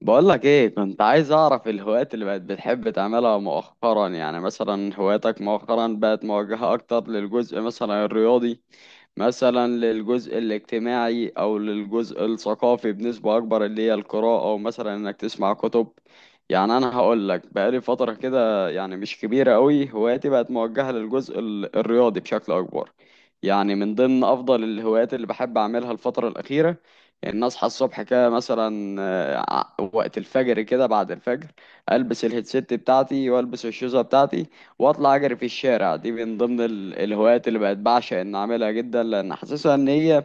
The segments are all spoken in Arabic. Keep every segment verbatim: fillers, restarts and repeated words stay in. بقولك ايه، كنت عايز اعرف الهوايات اللي بقت بتحب تعملها مؤخرا. يعني مثلا هواياتك مؤخرا بقت موجهة اكتر للجزء مثلا الرياضي، مثلا للجزء الاجتماعي او للجزء الثقافي بنسبة اكبر، اللي هي القراءة او مثلا انك تسمع كتب. يعني انا هقولك، بقالي فترة كده يعني مش كبيرة قوي هواياتي بقت موجهة للجزء ال- الرياضي بشكل اكبر. يعني من ضمن افضل الهوايات اللي بحب اعملها الفترة الاخيرة ان اصحى الصبح كده مثلا، ع- وقت الفجر كده، بعد الفجر البس الهيدسيت بتاعتي والبس الشوزه بتاعتي واطلع اجري في الشارع. دي من ضمن ال- الهوايات اللي بقت بعشق ان اعملها جدا، لان حاسسها ان هي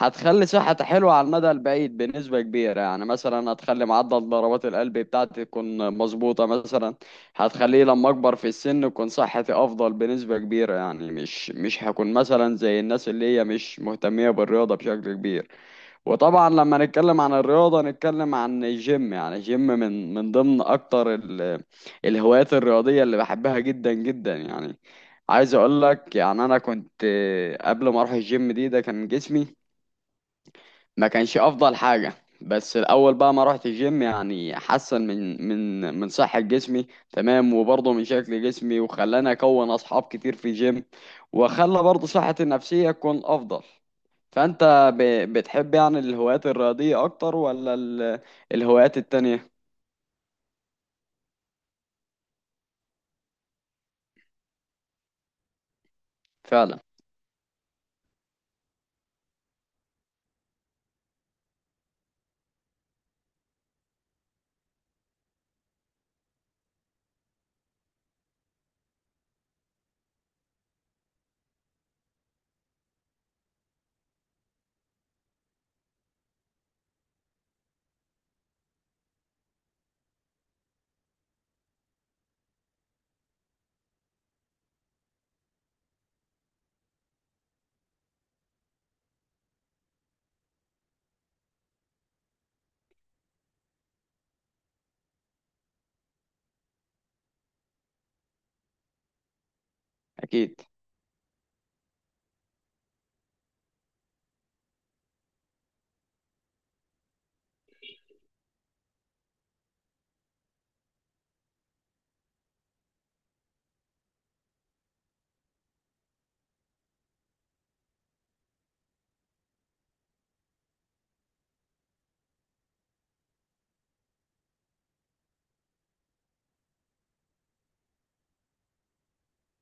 هتخلي صحتي حلوه على المدى البعيد بنسبه كبيره. يعني مثلا هتخلي معدل ضربات القلب بتاعتي تكون مظبوطه، مثلا هتخليه لما اكبر في السن تكون صحتي افضل بنسبه كبيره، يعني مش مش هكون مثلا زي الناس اللي هي مش مهتميه بالرياضه بشكل كبير. وطبعا لما نتكلم عن الرياضة نتكلم عن الجيم. يعني الجيم من من ضمن أكتر ال- الهوايات الرياضية اللي بحبها جدا جدا. يعني عايز أقول لك، يعني أنا كنت قبل ما أروح الجيم دي ده كان جسمي ما كانش أفضل حاجة، بس الأول بقى ما رحت الجيم يعني حسن من من من صحة جسمي، تمام، وبرضه من شكل جسمي، وخلاني أكون أصحاب كتير في الجيم وخلى برضه صحتي النفسية تكون أفضل. فأنت ب- بتحب يعني الهوايات الرياضية أكتر ولا ال- الهوايات التانية؟ فعلا. أكيد.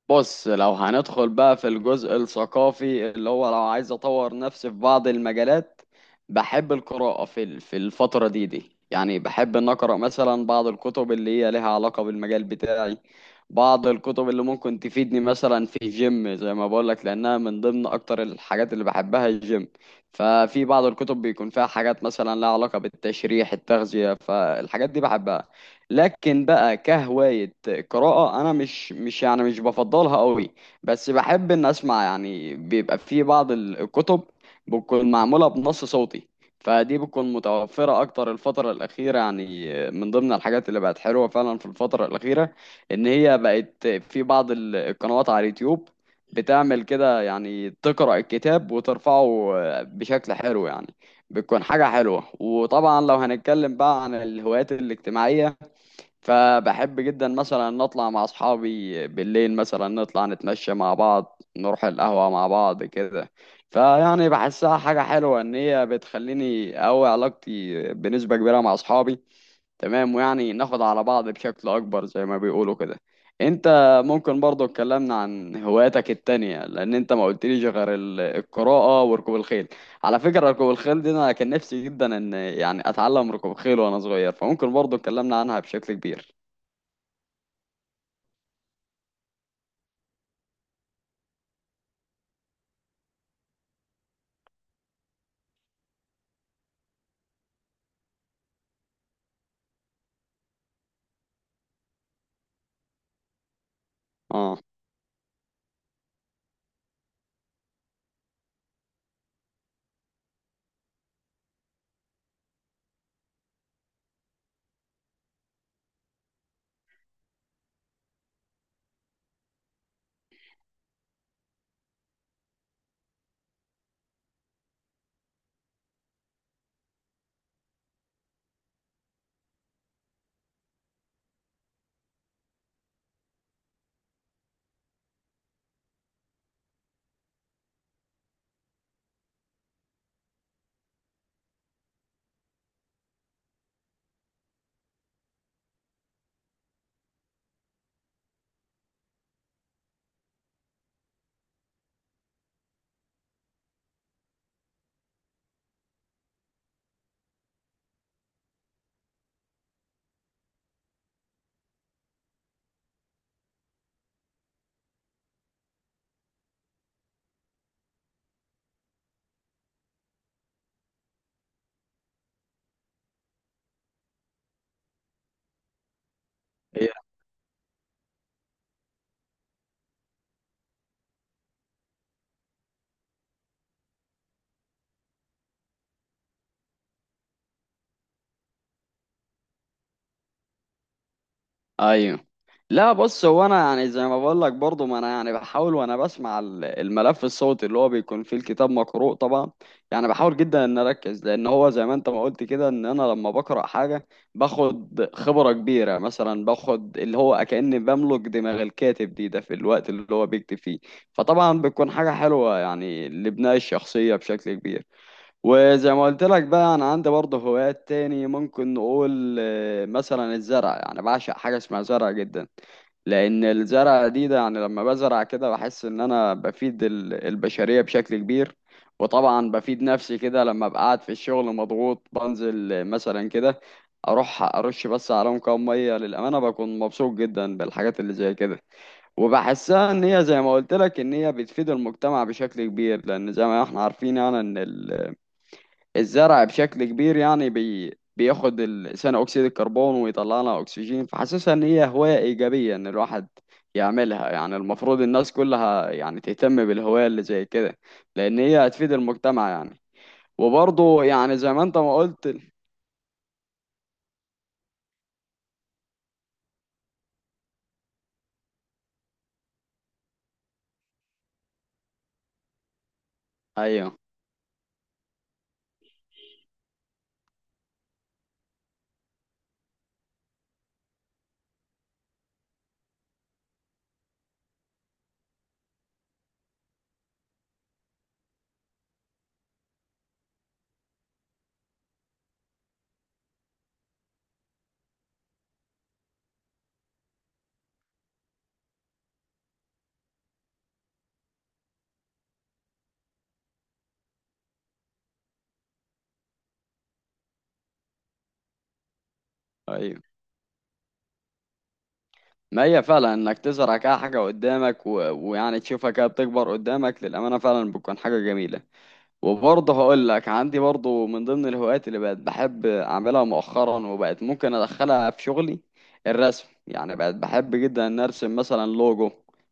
بص لو هندخل بقى في الجزء الثقافي اللي هو، لو عايز اطور نفسي في بعض المجالات بحب القراءة في ال- في الفترة دي دي. يعني بحب ان اقرا مثلا بعض الكتب اللي هي لها علاقة بالمجال بتاعي، بعض الكتب اللي ممكن تفيدني مثلا في الجيم زي ما بقول لك لانها من ضمن اكتر الحاجات اللي بحبها الجيم. ففي بعض الكتب بيكون فيها حاجات مثلا لها علاقة بالتشريح، التغذية، فالحاجات دي بحبها. لكن بقى كهواية قراءة، أنا مش مش يعني مش بفضلها قوي، بس بحب إن أسمع. يعني بيبقى في بعض ال- الكتب بتكون معمولة بنص صوتي، فدي بتكون متوفرة أكتر الفترة الأخيرة. يعني من ضمن الحاجات اللي بقت حلوة فعلا في الفترة الأخيرة إن هي بقت في بعض ال- القنوات على اليوتيوب بتعمل كده، يعني تقرأ الكتاب وترفعه بشكل حلو يعني، بتكون حاجة حلوة. وطبعا لو هنتكلم بقى عن الهوايات الاجتماعية، فبحب جدا مثلا ان اطلع مع اصحابي بالليل، مثلا نطلع نتمشى مع بعض، نروح القهوة مع بعض كده. فيعني بحسها حاجة حلوة ان هي بتخليني اقوي علاقتي بنسبة كبيرة مع اصحابي، تمام، ويعني ناخد على بعض بشكل اكبر زي ما بيقولوا كده. انت ممكن برضو اتكلمنا عن هواياتك التانية؟ لان انت ما قلتليش غير ال- القراءة وركوب الخيل. على فكرة ركوب الخيل دي انا كان نفسي جدا ان يعني اتعلم ركوب خيل وانا صغير، فممكن برضو اتكلمنا عنها بشكل كبير. اه. هي. ايوه. لا بص، هو انا يعني زي ما بقول لك برضه، ما انا يعني بحاول وانا بسمع ال- الملف الصوتي اللي هو بيكون فيه الكتاب مقروء طبعا. يعني بحاول جدا ان اركز، لان هو زي ما انت ما قلت كده، ان انا لما بقرا حاجه باخد خبره كبيره، مثلا باخد اللي هو كاني بملك دماغ الكاتب دي ده في الوقت اللي هو بيكتب فيه. فطبعا بتكون حاجه حلوه يعني لبناء الشخصيه بشكل كبير. وزي ما قلت لك بقى انا عندي برضه هوايات تاني. ممكن نقول آه، مثلا الزرع. يعني بعشق حاجه اسمها زرع جدا، لان الزرع دي ده يعني لما بزرع كده بحس ان انا بفيد ال- البشريه بشكل كبير. وطبعا بفيد نفسي كده، لما ابقى قاعد في الشغل مضغوط بنزل، آه، مثلا كده اروح ارش بس عليهم كام ميه، للامانه بكون مبسوط جدا بالحاجات اللي زي كده. وبحسها ان هي زي ما قلت لك ان هي بتفيد المجتمع بشكل كبير، لان زي ما احنا عارفين يعني ان ال الزرع بشكل كبير، يعني بي بياخد ال- ثاني اكسيد الكربون ويطلع لنا اكسجين. فحاسسها ان هي هواية ايجابية ان الواحد يعملها. يعني المفروض الناس كلها يعني تهتم بالهواية اللي زي كده، لان هي هتفيد المجتمع يعني. وبرضه يعني زي ما انت ما قلت ال- ايوه، ايوه. ما هي فعلا انك تزرع كده حاجة قدامك و... ويعني تشوفها كده بتكبر قدامك، للأمانة فعلا بتكون حاجة جميلة. وبرضه هقول لك عندي برضه من ضمن الهوايات اللي بقت بحب اعملها مؤخرا وبقت ممكن ادخلها في شغلي الرسم. يعني بقت بحب جدا ان ارسم مثلا لوجو،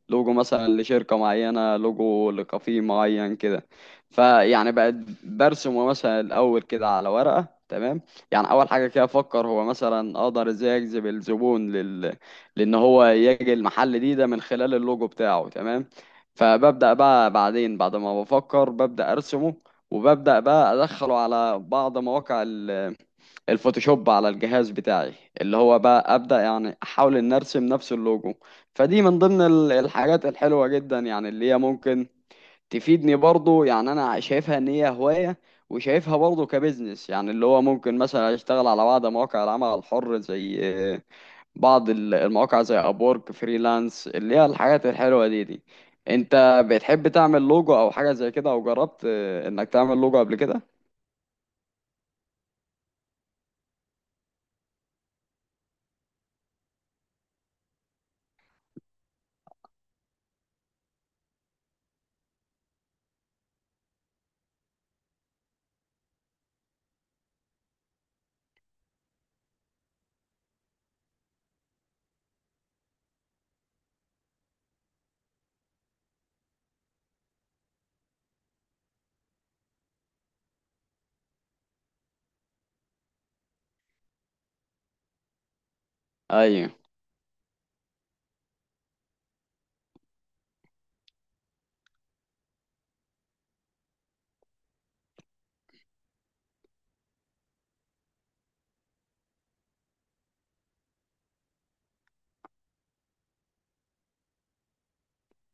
لوجو مثلا لشركة معينة، لوجو لكافيه معين كده. فيعني بقت برسمه مثلا الاول كده على ورقة، تمام. يعني اول حاجة كده افكر هو مثلا اقدر ازاي اجذب الزبون لل... لان هو يجي المحل دي ده من خلال اللوجو بتاعه، تمام. فببدأ بقى بعدين بعد ما بفكر ببدأ ارسمه، وببدأ بقى أدخله على بعض مواقع ال- الفوتوشوب على الجهاز بتاعي، اللي هو بقى أبدأ يعني أحاول إن أرسم نفس اللوجو. فدي من ضمن ال- الحاجات الحلوة جدا، يعني اللي هي ممكن تفيدني برضو. يعني أنا شايفها إن هي هواية، وشايفها برضو كبزنس، يعني اللي هو ممكن مثلا أشتغل على بعض مواقع العمل الحر زي آه، بعض ال- المواقع زي أبورك فريلانس، اللي هي الحاجات الحلوة دي دي. أنت بتحب تعمل لوجو أو حاجة زي كده أو جربت آه، إنك تعمل لوجو قبل كده؟ ايوه.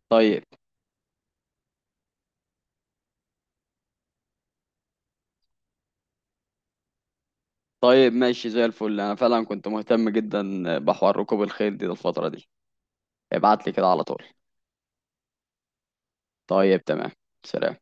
طيب. طيب ماشي زي الفل، انا فعلا كنت مهتم جدا بحوار ركوب الخيل دي الفترة دي. ابعت لي كده على طول. طيب، تمام. سلام.